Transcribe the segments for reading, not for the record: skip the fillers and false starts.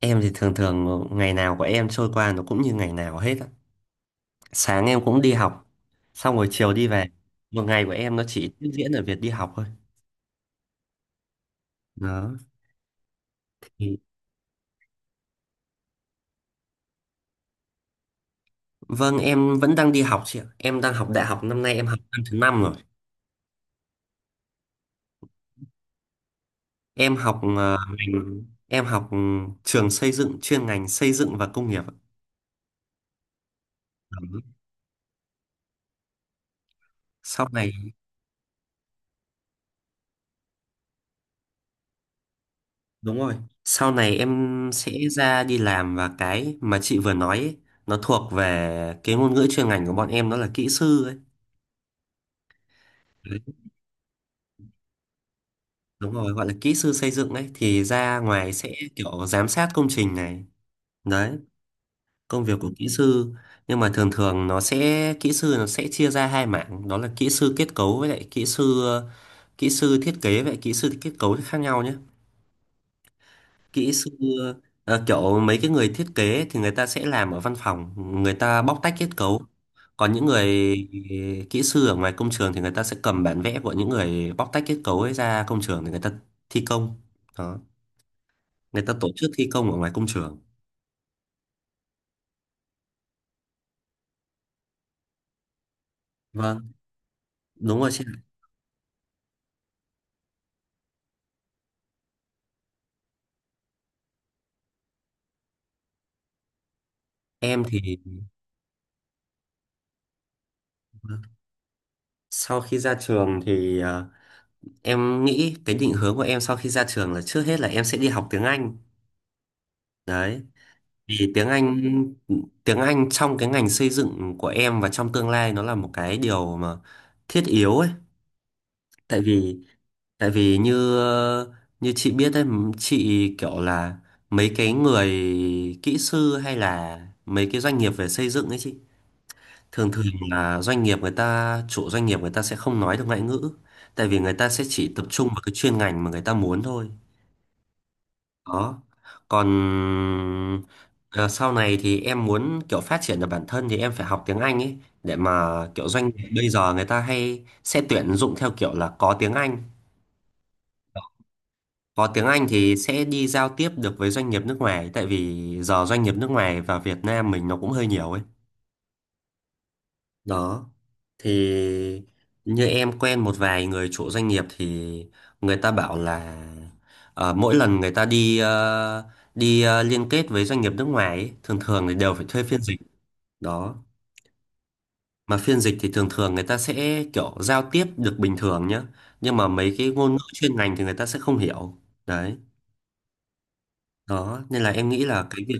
Em thì thường thường ngày nào của em trôi qua nó cũng như ngày nào hết á. Sáng em cũng đi học, xong rồi chiều đi về. Một ngày của em nó chỉ tiếp diễn ở việc đi học thôi. Đó. Thì... Vâng, em vẫn đang đi học chị ạ. Em đang học đại học, năm nay em học năm thứ năm rồi. Em học ngành em học trường xây dựng, chuyên ngành xây dựng và công nghiệp ạ. Đó. Sau này đúng rồi. Sau này em sẽ ra đi làm, và cái mà chị vừa nói ấy, nó thuộc về cái ngôn ngữ chuyên ngành của bọn em, đó là kỹ sư ấy. Đúng rồi, gọi là kỹ sư xây dựng đấy, thì ra ngoài sẽ kiểu giám sát công trình này, đấy công việc của kỹ sư, nhưng mà thường thường nó sẽ kỹ sư nó sẽ chia ra hai mảng, đó là kỹ sư kết cấu với lại kỹ sư thiết kế. Vậy kỹ sư kết cấu thì khác nhau nhé. Kỹ sư kiểu mấy cái người thiết kế thì người ta sẽ làm ở văn phòng, người ta bóc tách kết cấu. Còn những người kỹ sư ở ngoài công trường thì người ta sẽ cầm bản vẽ của những người bóc tách kết cấu ấy ra công trường để người ta thi công. Đó. Người ta tổ chức thi công ở ngoài công trường. Vâng, đúng rồi chị ạ. Em thì sau khi ra trường thì em nghĩ cái định hướng của em sau khi ra trường là trước hết là em sẽ đi học tiếng Anh. Đấy, vì tiếng Anh, tiếng Anh trong cái ngành xây dựng của em và trong tương lai nó là một cái điều mà thiết yếu ấy. Tại vì như như chị biết đấy, chị kiểu là mấy cái người kỹ sư hay là mấy cái doanh nghiệp về xây dựng ấy chị, thường thường là doanh nghiệp, người ta chủ doanh nghiệp người ta sẽ không nói được ngoại ngữ, tại vì người ta sẽ chỉ tập trung vào cái chuyên ngành mà người ta muốn thôi. Đó, còn ờ, sau này thì em muốn kiểu phát triển được bản thân thì em phải học tiếng Anh ấy, để mà kiểu doanh nghiệp bây giờ người ta hay sẽ tuyển dụng theo kiểu là có tiếng Anh. Có tiếng Anh thì sẽ đi giao tiếp được với doanh nghiệp nước ngoài, tại vì giờ doanh nghiệp nước ngoài và Việt Nam mình nó cũng hơi nhiều ấy. Đó, thì như em quen một vài người chủ doanh nghiệp thì người ta bảo là mỗi lần người ta đi liên kết với doanh nghiệp nước ngoài ấy, thường thường thì đều phải thuê phiên dịch. Đó, mà phiên dịch thì thường thường người ta sẽ kiểu giao tiếp được bình thường nhá, nhưng mà mấy cái ngôn ngữ chuyên ngành thì người ta sẽ không hiểu. Đấy, đó nên là em nghĩ là cái việc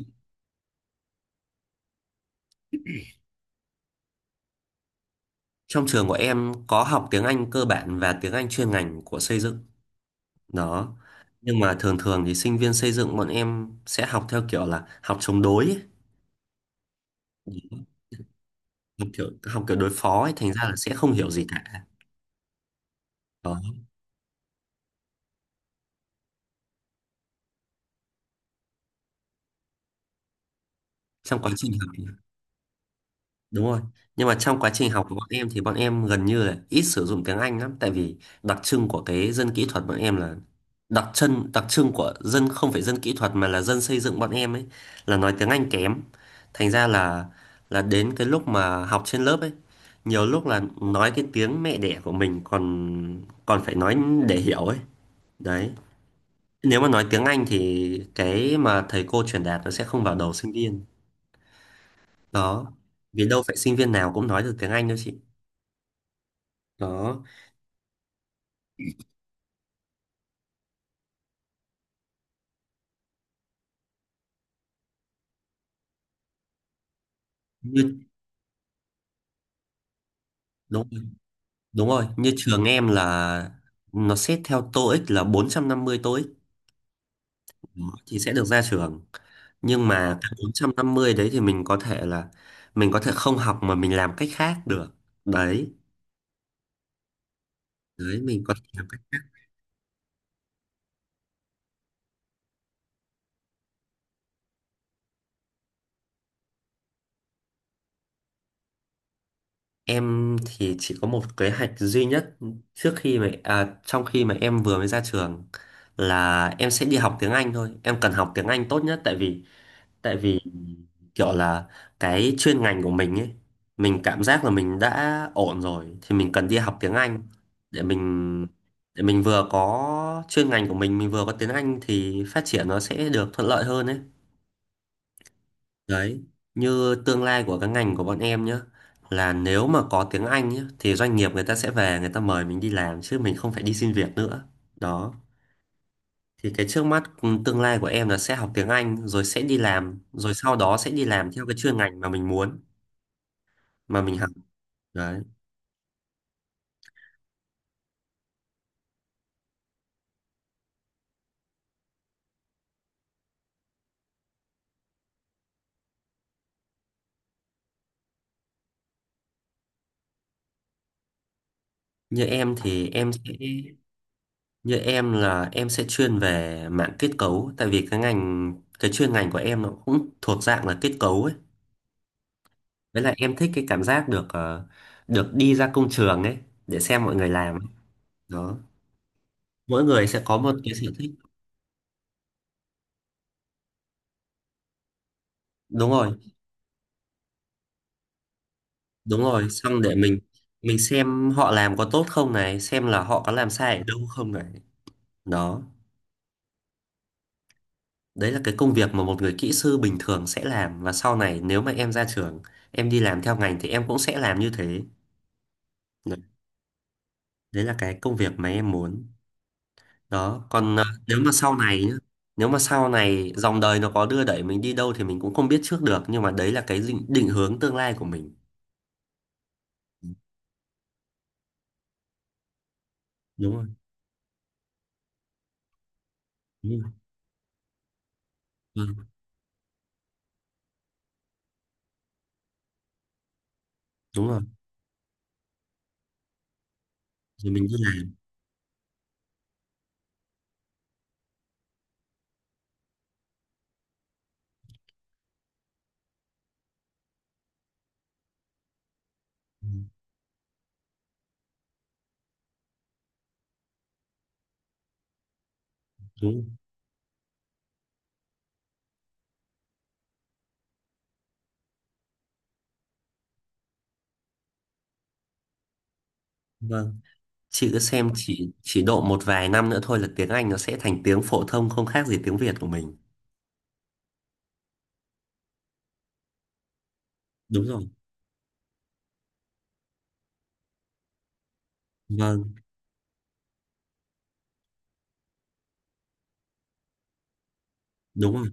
trong trường của em có học tiếng Anh cơ bản và tiếng Anh chuyên ngành của xây dựng. Đó, nhưng mà thường thường thì sinh viên xây dựng bọn em sẽ học theo kiểu là học chống đối ấy. Đó. Học kiểu đối phó ấy, thành ra là sẽ không hiểu gì cả. Đó, trong quá trình học. Đúng rồi. Nhưng mà trong quá trình học của bọn em thì bọn em gần như là ít sử dụng tiếng Anh lắm, tại vì đặc trưng của cái dân kỹ thuật bọn em là đặc trưng của dân không phải dân kỹ thuật, mà là dân xây dựng bọn em ấy, là nói tiếng Anh kém. Thành ra là đến cái lúc mà học trên lớp ấy, nhiều lúc là nói cái tiếng mẹ đẻ của mình còn còn phải nói để hiểu ấy. Đấy. Nếu mà nói tiếng Anh thì cái mà thầy cô truyền đạt nó sẽ không vào đầu sinh viên. Đó. Vì đâu phải sinh viên nào cũng nói được tiếng Anh đâu chị. Đó, như đúng đúng rồi, như trường em là nó xét theo TOEIC là 450 TOEIC. Đó, thì sẽ được ra trường, nhưng mà cái 450 đấy thì mình có thể là mình có thể không học mà mình làm cách khác được. Đấy, đấy mình có thể làm cách. Em thì chỉ có một kế hoạch duy nhất, trước khi mà trong khi mà em vừa mới ra trường là em sẽ đi học tiếng Anh thôi. Em cần học tiếng Anh tốt nhất, tại vì tại vì kiểu là cái chuyên ngành của mình ấy, mình cảm giác là mình đã ổn rồi thì mình cần đi học tiếng Anh, để mình vừa có chuyên ngành của mình vừa có tiếng Anh thì phát triển nó sẽ được thuận lợi hơn ấy. Đấy, như tương lai của cái ngành của bọn em nhá, là nếu mà có tiếng Anh nhá thì doanh nghiệp người ta sẽ về người ta mời mình đi làm, chứ mình không phải đi xin việc nữa. Đó, thì cái trước mắt tương lai của em là sẽ học tiếng Anh, rồi sẽ đi làm, rồi sau đó sẽ đi làm theo cái chuyên ngành mà mình muốn, mà mình học. Đấy. Như em thì em sẽ như em là em sẽ chuyên về mạng kết cấu, tại vì cái ngành, cái chuyên ngành của em nó cũng thuộc dạng là kết cấu ấy. Với lại em thích cái cảm giác được được đi ra công trường ấy, để xem mọi người làm ấy. Đó. Mỗi người sẽ có một cái sở thích. Đúng rồi, đúng rồi, xong để mình xem họ làm có tốt không này, xem là họ có làm sai ở đâu không này. Đó, đấy là cái công việc mà một người kỹ sư bình thường sẽ làm, và sau này nếu mà em ra trường, em đi làm theo ngành thì em cũng sẽ làm như thế. Đấy, đấy là cái công việc mà em muốn. Đó, còn nếu mà sau này nhá, nếu mà sau này dòng đời nó có đưa đẩy mình đi đâu thì mình cũng không biết trước được, nhưng mà đấy là cái định, định hướng tương lai của mình. Đúng rồi, đúng rồi. Vâng, đúng rồi. Rồi mình đi làm. Ừ. Đúng rồi. Vâng. Chị cứ xem, chỉ độ một vài năm nữa thôi là tiếng Anh nó sẽ thành tiếng phổ thông không khác gì tiếng Việt của mình. Đúng rồi. Vâng. Đúng rồi.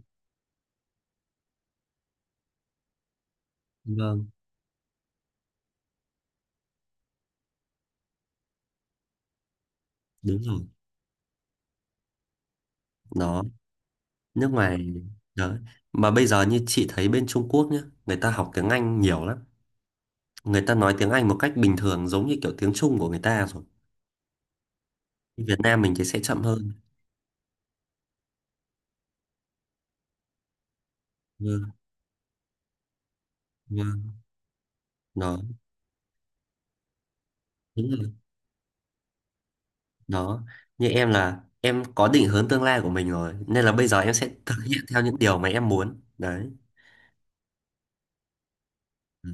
Vâng, đúng rồi. Đó, nước ngoài. Đó, mà bây giờ như chị thấy, bên Trung Quốc nhá, người ta học tiếng Anh nhiều lắm, người ta nói tiếng Anh một cách bình thường giống như kiểu tiếng Trung của người ta rồi. Việt Nam mình thì sẽ chậm hơn. Vâng. Vâng. Đó, đúng rồi. Đó, như em là em có định hướng tương lai của mình rồi, nên là bây giờ em sẽ thực hiện theo những điều mà em muốn đấy. Ừ.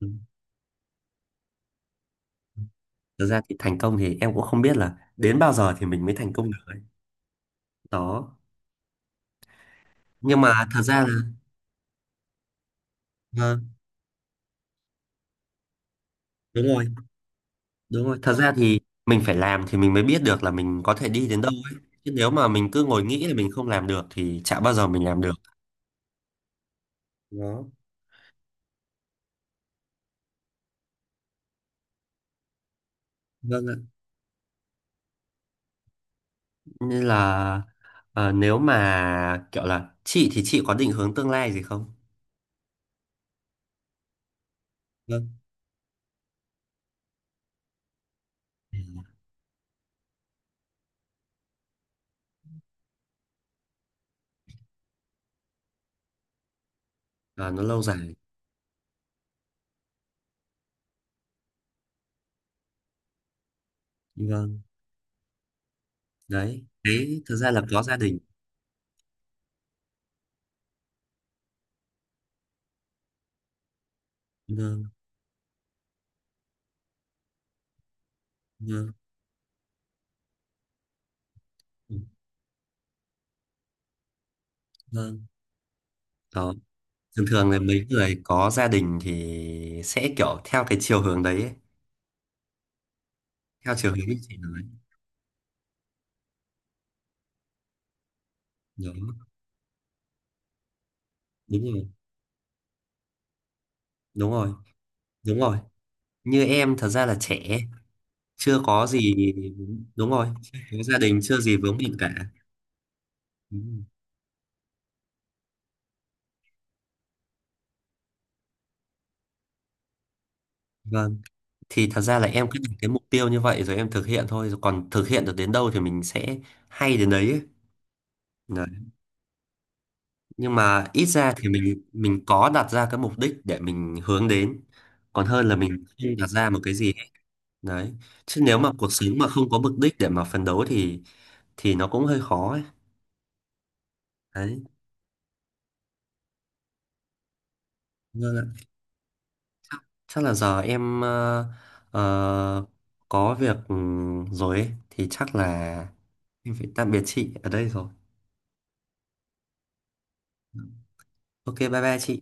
Ừ. Thực ra thì thành công thì em cũng không biết là đến bao giờ thì mình mới thành công được ấy. Đó, nhưng mà thật ra là... Vâng, đúng rồi. Đúng rồi, thật ra thì mình phải làm thì mình mới biết được là mình có thể đi đến đâu ấy. Chứ nếu mà mình cứ ngồi nghĩ là mình không làm được thì chả bao giờ mình làm được. Đó. Vâng ạ. Nên là nếu mà kiểu là chị thì chị có định hướng tương lai gì không? Vâng. Ờ, nó lâu dài. Vâng. Đấy. Đấy, thực ra là có gia đình. Vâng. Vâng. Ừ. Vâng. Đó. Thường thường là mấy người có gia đình thì sẽ kiểu theo cái chiều hướng đấy ấy. Theo chiều hướng như chị nói. Đó. Đúng rồi. Đúng rồi. Đúng rồi. Như em thật ra là trẻ, chưa có gì, đúng rồi, chưa có gia đình, chưa gì vướng bận cả. Ừ. Vâng, thì thật ra là em cứ đặt cái mục tiêu như vậy rồi em thực hiện thôi, rồi còn thực hiện được đến đâu thì mình sẽ hay đến đấy ấy. Đấy. Nhưng mà ít ra thì mình có đặt ra cái mục đích để mình hướng đến, còn hơn là mình không đặt ra một cái gì hết. Đấy, chứ nếu mà cuộc sống mà không có mục đích để mà phấn đấu thì nó cũng hơi khó ấy. Đấy. Vâng ạ. Chắc là giờ em ờ, có việc rồi ấy. Thì chắc là em phải tạm biệt chị ở đây rồi. Ờ, ok bye bye chị.